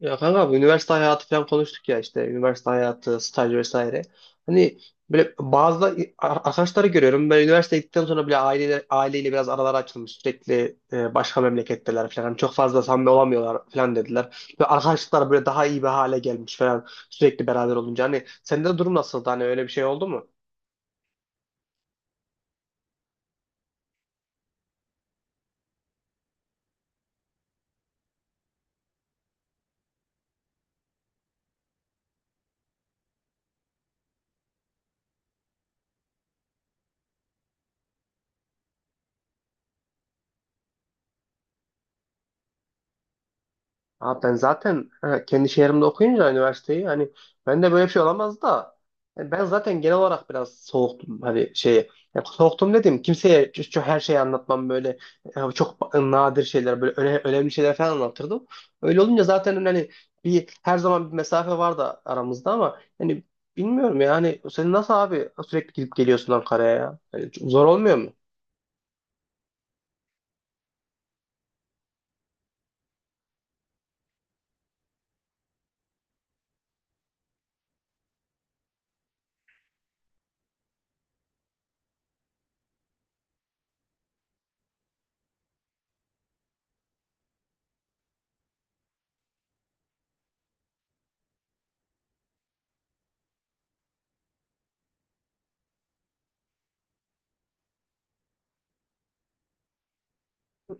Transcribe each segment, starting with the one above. Ya kanka, bu üniversite hayatı falan konuştuk ya, işte üniversite hayatı, staj vesaire. Hani böyle bazı arkadaşları görüyorum. Ben üniversiteye gittikten sonra bile aileyle, biraz aralar açılmış. Sürekli, başka memleketteler falan. Hani çok fazla samimi olamıyorlar falan dediler. Ve arkadaşlıklar böyle daha iyi bir hale gelmiş falan, sürekli beraber olunca. Hani sende de durum nasıldı? Hani öyle bir şey oldu mu? Abi, ben zaten kendi şehrimde okuyunca üniversiteyi, hani ben de böyle bir şey olamaz da, yani ben zaten genel olarak biraz soğuktum, hani şeye. Ya soğuktum dedim, kimseye çok, çok her şeyi anlatmam böyle. Çok nadir şeyler, böyle önemli şeyler falan anlatırdım. Öyle olunca zaten, hani bir, her zaman bir mesafe vardı aramızda, ama hani bilmiyorum. Yani sen nasıl abi, sürekli gidip geliyorsun Ankara'ya ya? Yani zor olmuyor mu?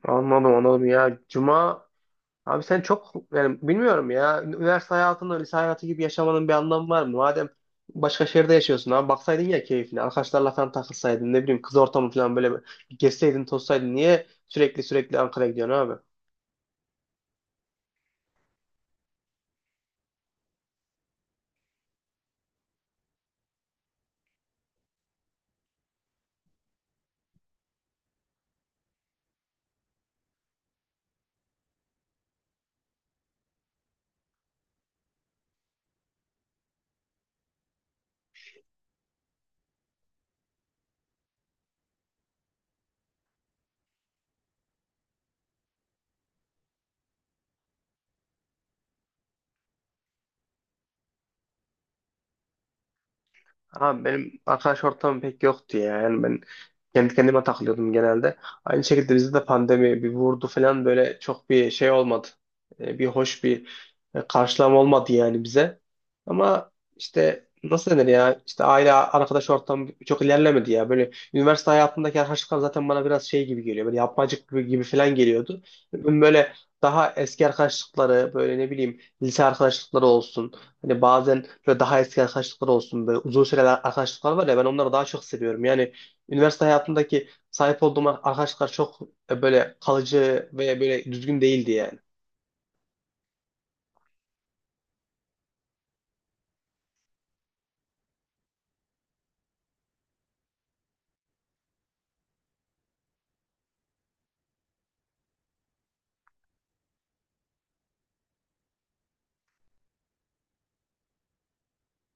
Anladım anladım ya. Cuma. Abi sen çok, yani bilmiyorum ya. Üniversite hayatında lise hayatı gibi yaşamanın bir anlamı var mı? Madem başka şehirde yaşıyorsun abi, baksaydın ya keyfine. Arkadaşlarla falan takılsaydın, ne bileyim kız ortamı falan, böyle bir gezseydin tozsaydın. Niye sürekli sürekli Ankara'ya gidiyorsun abi? Abi, benim arkadaş ortamım pek yoktu ya. Yani ben kendi kendime takılıyordum genelde. Aynı şekilde bizde de pandemi bir vurdu falan, böyle çok bir şey olmadı. Bir hoş bir karşılama olmadı yani bize. Ama işte nasıl denir ya, işte aile arkadaş ortamı çok ilerlemedi ya. Böyle üniversite hayatındaki arkadaşlıklar zaten bana biraz şey gibi geliyor. Böyle yapmacık gibi falan geliyordu. Ben böyle daha eski arkadaşlıkları, böyle ne bileyim lise arkadaşlıkları olsun. Hani bazen böyle daha eski arkadaşlıklar olsun, böyle uzun süreler arkadaşlıklar var ya, ben onları daha çok seviyorum. Yani üniversite hayatındaki sahip olduğum arkadaşlar çok böyle kalıcı ve böyle düzgün değildi yani.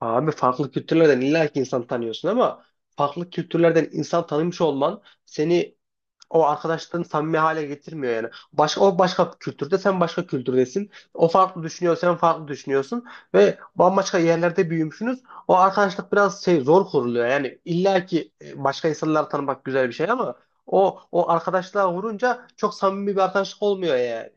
Abi, farklı kültürlerden illa ki insan tanıyorsun ama farklı kültürlerden insan tanımış olman seni, o arkadaşlığını samimi hale getirmiyor yani. O başka bir kültürde, sen başka kültürdesin. O farklı düşünüyor, sen farklı düşünüyorsun. Ve bambaşka yerlerde büyümüşsünüz. O arkadaşlık biraz şey, zor kuruluyor. Yani illa ki başka insanları tanımak güzel bir şey ama o arkadaşlığa vurunca çok samimi bir arkadaşlık olmuyor yani.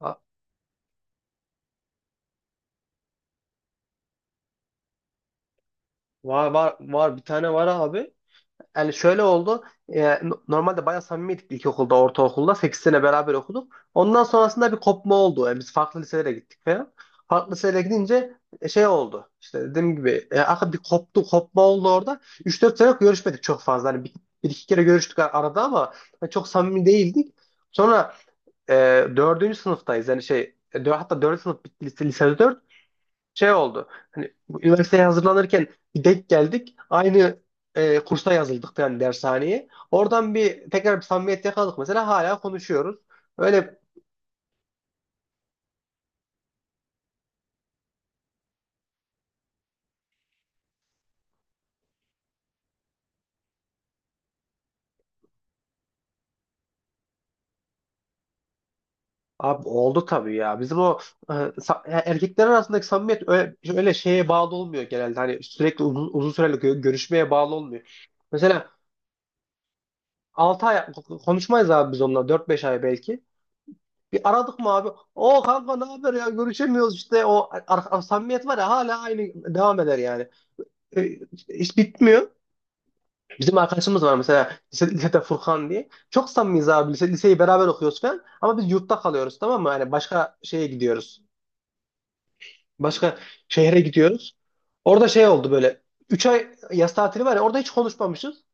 Ha. Var var var, bir tane var abi. Yani şöyle oldu. Normalde bayağı samimiydik ilkokulda, ortaokulda. 8 sene beraber okuduk. Ondan sonrasında bir kopma oldu. Yani biz farklı liselere gittik falan. Farklı liselere gidince şey oldu. İşte dediğim gibi aka bir koptu, kopma oldu orada. 3-4 sene görüşmedik çok fazla. Hani bir iki kere görüştük arada ama hani çok samimi değildik. Sonra e, 4. sınıftayız. Yani şey, hatta 4. sınıf bitti, lise dört, şey oldu. Hani bu üniversiteye hazırlanırken bir denk geldik. Aynı kursa yazıldık, yani dershaneye. Oradan bir tekrar bir samimiyet yakaladık, mesela hala konuşuyoruz. Öyle. Abi oldu tabii ya. Bizim o, erkekler arasındaki samimiyet öyle, öyle şeye bağlı olmuyor genelde. Hani sürekli uzun, uzun süreli görüşmeye bağlı olmuyor. Mesela 6 ay konuşmayız abi biz onunla, 4-5 ay belki. Bir aradık mı abi? O, kanka ne haber ya, görüşemiyoruz işte, o samimiyet var ya, hala aynı devam eder yani. E, Hiç bitmiyor. Bizim arkadaşımız var mesela, lisede Furkan diye. Çok samimiyiz abi, liseyi beraber okuyoruz falan. Ama biz yurtta kalıyoruz, tamam mı? Yani başka şeye gidiyoruz. Başka şehre gidiyoruz. Orada şey oldu böyle. 3 ay yaz tatili var ya, orada hiç konuşmamışız.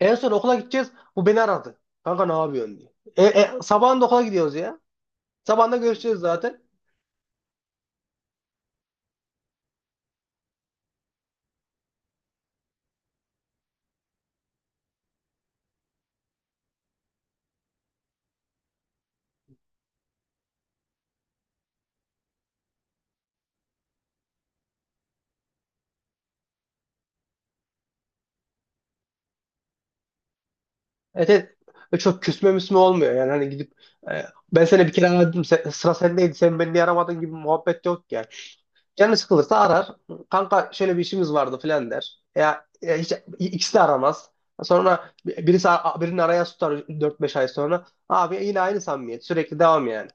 En son okula gideceğiz. Bu beni aradı. Kanka ne yapıyorsun diye. Sabahında okula gidiyoruz ya. Sabahında görüşeceğiz zaten. Evet, evet. Çok küsme müsme olmuyor yani, hani gidip, e, ben seni bir kere aradım, sıra sendeydi, sen beni niye aramadın gibi muhabbet yok. Canı sıkılırsa arar. Kanka şöyle bir işimiz vardı filan der. Ya, hiç ikisi de aramaz. Sonra birisi, birini arayan tutar 4-5 ay sonra. Abi yine aynı samimiyet. Sürekli devam yani.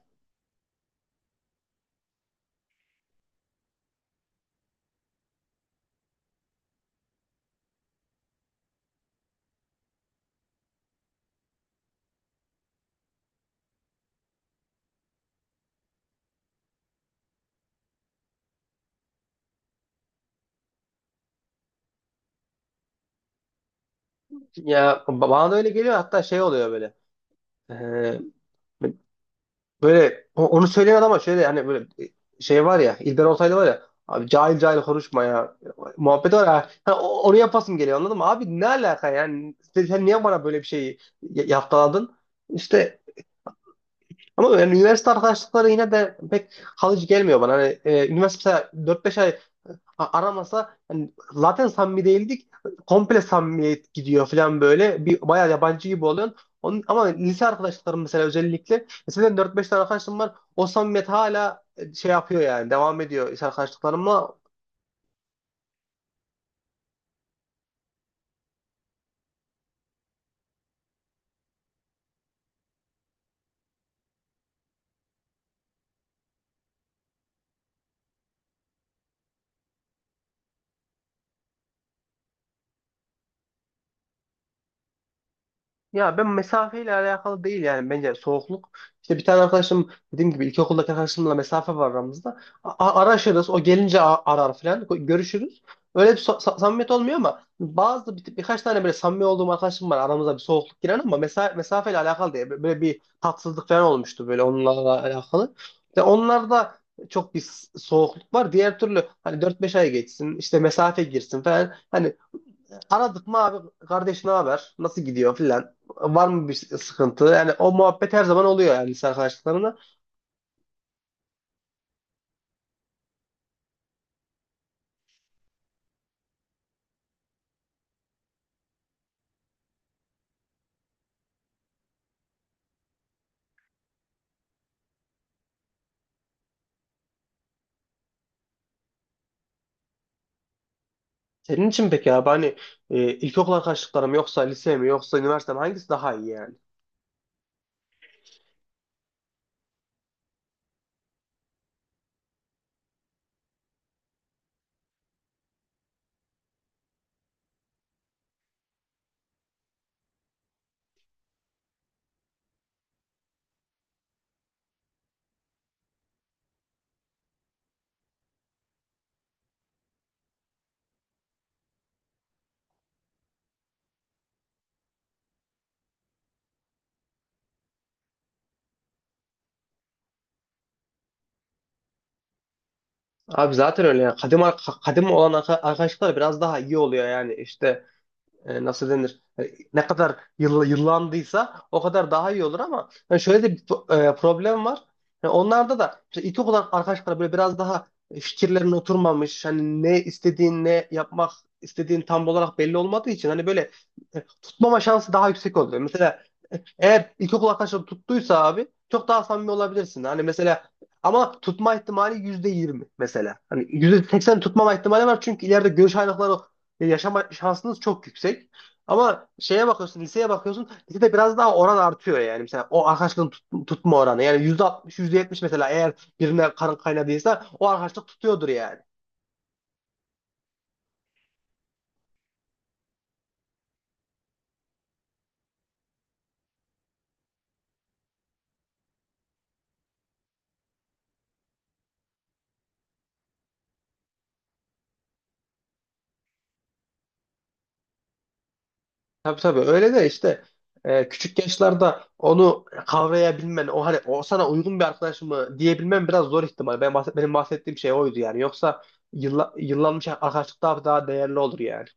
Ya bana da öyle geliyor, hatta şey oluyor böyle. Ee, Böyle onu söyleyen, ama şöyle hani böyle şey var ya, İlber Ortaylı var ya, abi cahil cahil konuşma ya, muhabbet var ya. Ha, onu yapasım geliyor, anladın mı? Abi ne alaka yani, sen niye bana böyle bir şeyi yaftaladın? İşte. Ama yani üniversite arkadaşlıkları yine de pek kalıcı gelmiyor bana. Hani, üniversite mesela 4-5 ay aramasa, hani zaten samimi değildik. Komple samimiyet gidiyor falan böyle. Bir bayağı yabancı gibi oluyorsun. Onun, ama lise arkadaşlıklarım mesela, özellikle. Mesela 4-5 tane arkadaşım var. O samimiyet hala şey yapıyor yani. Devam ediyor lise arkadaşlıklarımla. Ya ben, mesafeyle alakalı değil yani, bence soğukluk. İşte bir tane arkadaşım, dediğim gibi, ilkokuldaki arkadaşımla mesafe var aramızda. Araşırız, o gelince arar falan, görüşürüz. Öyle bir samimiyet olmuyor, ama bazı birkaç tane böyle samimi olduğum arkadaşım var, aramıza bir soğukluk giren ama mesafeyle alakalı diye böyle bir tatsızlık falan olmuştu, böyle onlarla alakalı. İşte onlarda çok bir soğukluk var. Diğer türlü hani 4-5 ay geçsin, işte mesafe girsin falan. Hani, aradık mı abi, kardeş ne haber? Nasıl gidiyor filan? Var mı bir sıkıntı? Yani o muhabbet her zaman oluyor yani, lise arkadaşlıklarında. Senin için peki abi, hani ilkokul arkadaşlıkları mı, yoksa lise mi, yoksa üniversite mi, hangisi daha iyi yani? Abi zaten öyle yani. Kadim olan arkadaşlıklar biraz daha iyi oluyor yani. İşte, nasıl denir, ne kadar yıllandıysa o kadar daha iyi olur, ama yani şöyle de bir problem var. Yani onlarda da işte ilk arkadaşlar böyle biraz daha, fikirlerin oturmamış, hani ne istediğin, ne yapmak istediğin tam olarak belli olmadığı için hani böyle tutmama şansı daha yüksek oluyor. Mesela eğer ilkokul arkadaşları tuttuysa, abi çok daha samimi olabilirsin. Hani mesela, ama tutma ihtimali %20 mesela. Hani %80 tutmama ihtimali var, çünkü ileride görüş ayrılıkları yaşama şansınız çok yüksek. Ama şeye bakıyorsun, liseye bakıyorsun. Lisede biraz daha oran artıyor yani. Mesela o arkadaşlığın tutma oranı. Yani %60, yüzde yetmiş mesela, eğer birine karın kaynadıysa o arkadaşlık tutuyordur yani. Tabii tabii, öyle de işte küçük yaşlarda onu kavrayabilmen, o hani o sana uygun bir arkadaş mı diyebilmen biraz zor ihtimal. Benim bahsettiğim şey oydu yani. Yoksa yıllanmış arkadaşlık daha daha değerli olur yani.